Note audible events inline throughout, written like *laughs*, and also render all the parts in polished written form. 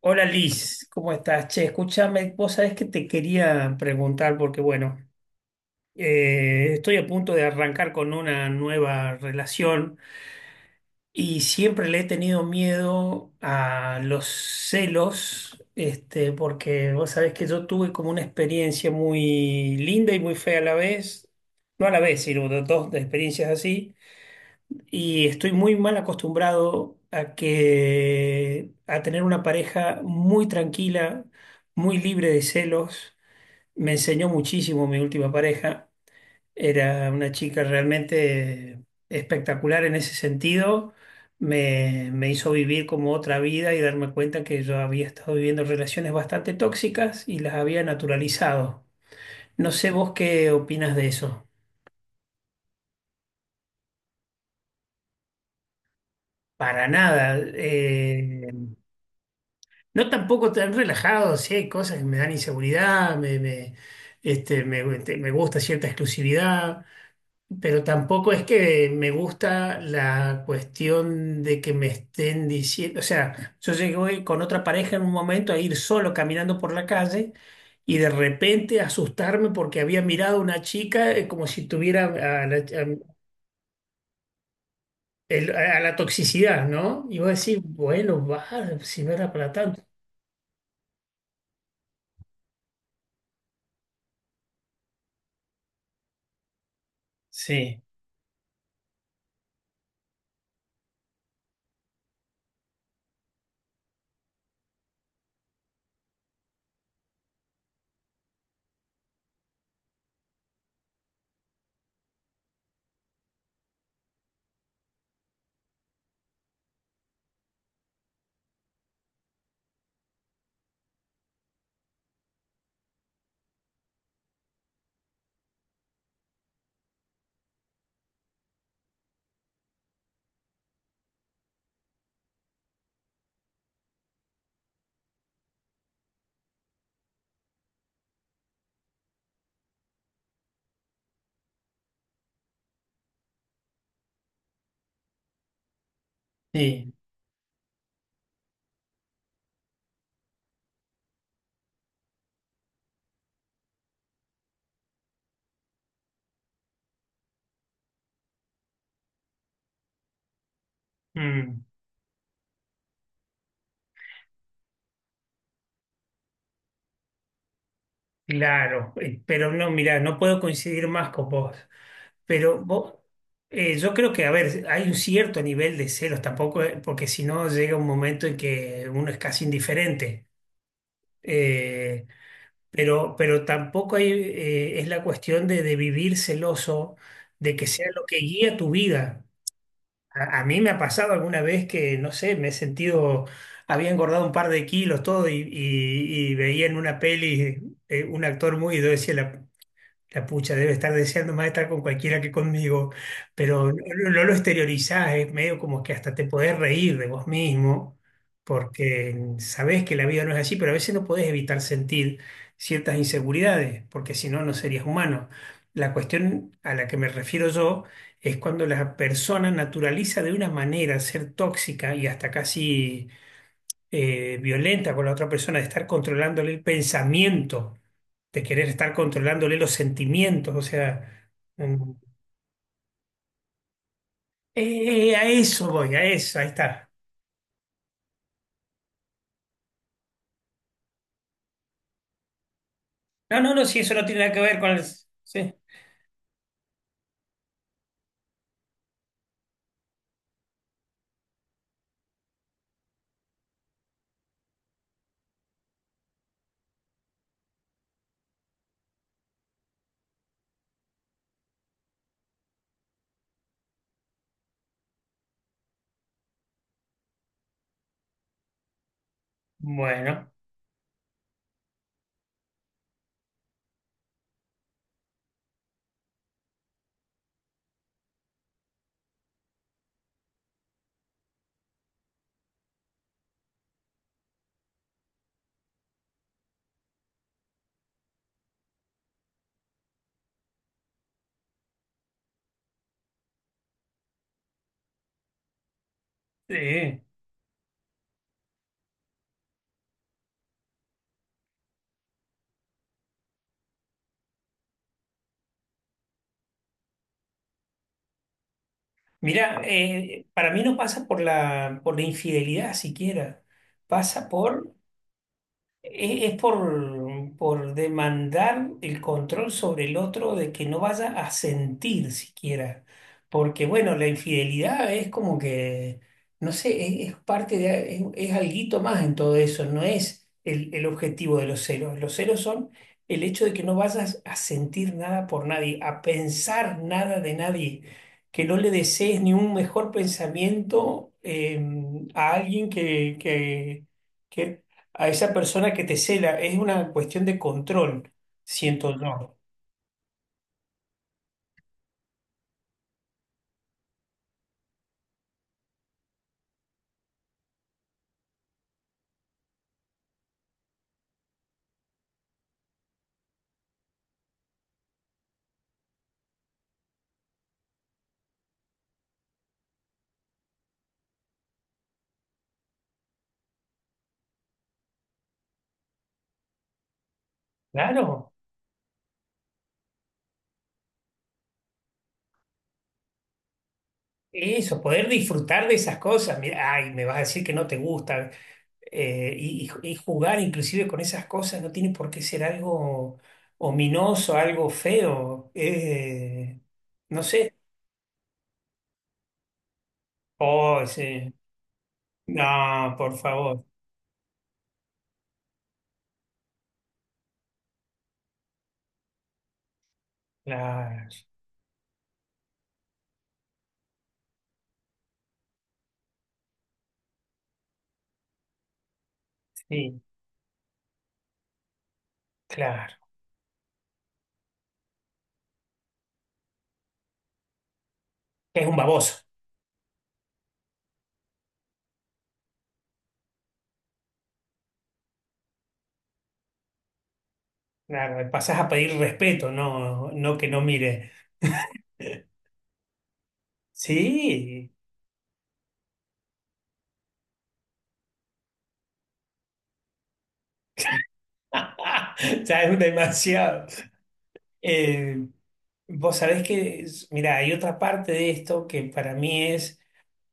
Hola Liz, ¿cómo estás? Che, escúchame, vos sabés que te quería preguntar porque, bueno, estoy a punto de arrancar con una nueva relación y siempre le he tenido miedo a los celos, porque vos sabés que yo tuve como una experiencia muy linda y muy fea a la vez, no a la vez, sino dos experiencias así y estoy muy mal acostumbrado a tener una pareja muy tranquila, muy libre de celos. Me enseñó muchísimo mi última pareja. Era una chica realmente espectacular en ese sentido. Me hizo vivir como otra vida y darme cuenta que yo había estado viviendo relaciones bastante tóxicas y las había naturalizado. No sé vos qué opinas de eso. Para nada. No, tampoco tan relajado, sí hay cosas que me dan inseguridad, me, este, me, te- me gusta cierta exclusividad, pero tampoco es que me gusta la cuestión de que me estén diciendo, o sea, yo llegué con otra pareja en un momento a ir solo caminando por la calle y de repente asustarme porque había mirado a una chica como si tuviera a la, a a la toxicidad, ¿no? Y vos decís, bueno, va, si no era para tanto. Sí, sí. Mm. Claro, pero no, mirá, no puedo coincidir más con vos. Pero vos, yo creo que, a ver, hay un cierto nivel de celos tampoco, porque si no llega un momento en que uno es casi indiferente. Eh, pero tampoco es la cuestión de, vivir celoso, de que sea lo que guía tu vida. A mí me ha pasado alguna vez que, no sé, me he sentido, había engordado un par de kilos, todo, y, y veía en una peli un actor muy, y yo decía, la pucha debe estar deseando más estar con cualquiera que conmigo, pero no, no lo exteriorizás, es medio como que hasta te podés reír de vos mismo, porque sabés que la vida no es así, pero a veces no podés evitar sentir ciertas inseguridades, porque si no, no serías humano. La cuestión a la que me refiero yo es cuando la persona naturaliza de una manera ser tóxica y hasta casi violenta con la otra persona, de estar controlándole el pensamiento, de querer estar controlándole los sentimientos, o sea, mm, a eso voy, a eso, ahí está. No, no, no, si eso no tiene nada que ver con el. Sí, bueno, sí. Mira, para mí no pasa por la infidelidad siquiera, pasa por es por demandar el control sobre el otro de que no vaya a sentir siquiera. Porque, bueno, la infidelidad es como que, no sé, es parte de, es alguito más en todo eso, no es el objetivo de los celos. Los celos son el hecho de que no vayas a sentir nada por nadie, a pensar nada de nadie, que no le desees ni un mejor pensamiento a alguien que a esa persona que te cela. Es una cuestión de control, siento yo. Claro, eso, poder disfrutar de esas cosas. Mira, ay, me vas a decir que no te gusta. Y jugar inclusive con esas cosas no tiene por qué ser algo ominoso, algo feo. No sé. Oh, sí. No, por favor. Claro, sí, claro. Es un baboso. Claro, pasás a pedir respeto, no, no que no mire. Sí, *laughs* ya demasiado. Eh, Vos sabés que, mira, hay otra parte de esto que para mí es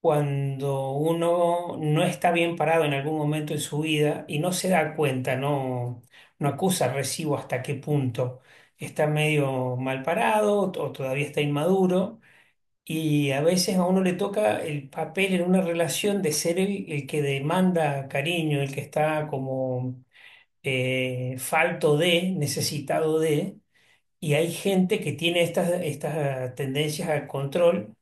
cuando uno no está bien parado en algún momento en su vida y no se da cuenta, no, no acusa recibo hasta qué punto está medio mal parado o todavía está inmaduro. Y a veces a uno le toca el papel en una relación de ser el que demanda cariño, el que está como falto de, necesitado de, y hay gente que tiene estas tendencias al control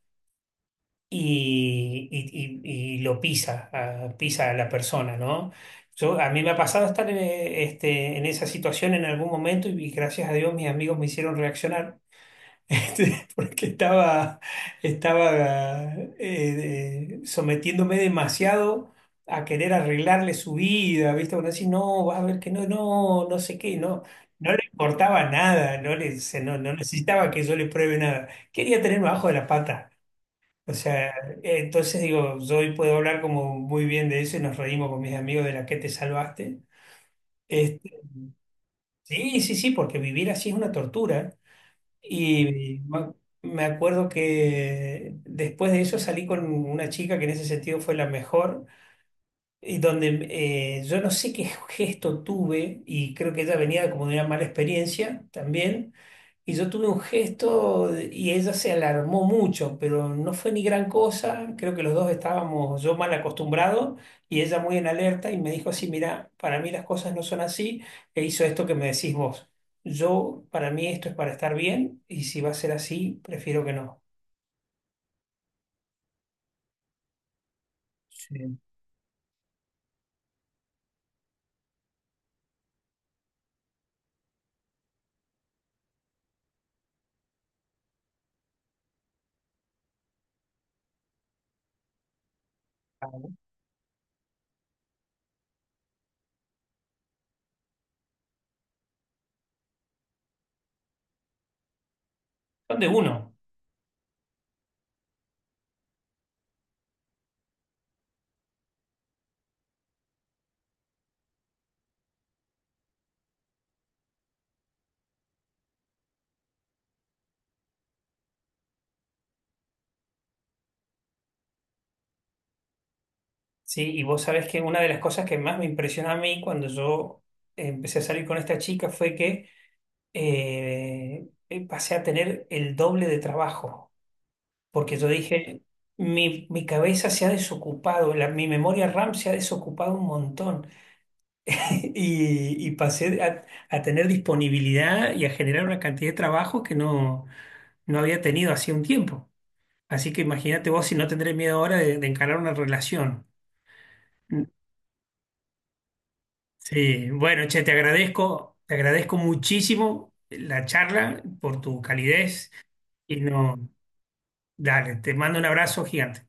y, y lo pisa, pisa a la persona, ¿no? Yo, a mí me ha pasado estar en esa situación en algún momento y gracias a Dios mis amigos me hicieron reaccionar *laughs* porque estaba, estaba eh, sometiéndome demasiado a querer arreglarle su vida, ¿viste? Bueno, así, no, vas a ver que no, no, no sé qué, no. No le importaba nada, no necesitaba que yo le pruebe nada. Quería tenerme abajo de la pata. O sea, entonces digo, yo hoy puedo hablar como muy bien de eso y nos reímos con mis amigos de la que te salvaste. Este, sí, sí, sí, porque vivir así es una tortura. Y me acuerdo que después de eso salí con una chica que en ese sentido fue la mejor, y donde yo no sé qué gesto tuve, y creo que ella venía como de una mala experiencia también y yo tuve un gesto y ella se alarmó mucho, pero no fue ni gran cosa. Creo que los dos estábamos yo mal acostumbrados y ella muy en alerta y me dijo así, mira, para mí las cosas no son así e hizo esto que me decís vos. Yo, para mí esto es para estar bien y si va a ser así, prefiero que no. Sí. Claro. Son de uno, ¿sí? Y vos sabés que una de las cosas que más me impresionó a mí cuando yo empecé a salir con esta chica fue que pasé a tener el doble de trabajo, porque yo dije, mi cabeza se ha desocupado, la- mi memoria RAM se ha desocupado un montón *laughs* y pasé a, tener disponibilidad y a generar una cantidad de trabajo que no había tenido hacía un tiempo. Así que imagínate vos si no tendré miedo ahora de, encarar una relación. Sí, bueno, che, te agradezco muchísimo la charla por tu calidez y no, dale, te mando un abrazo gigante.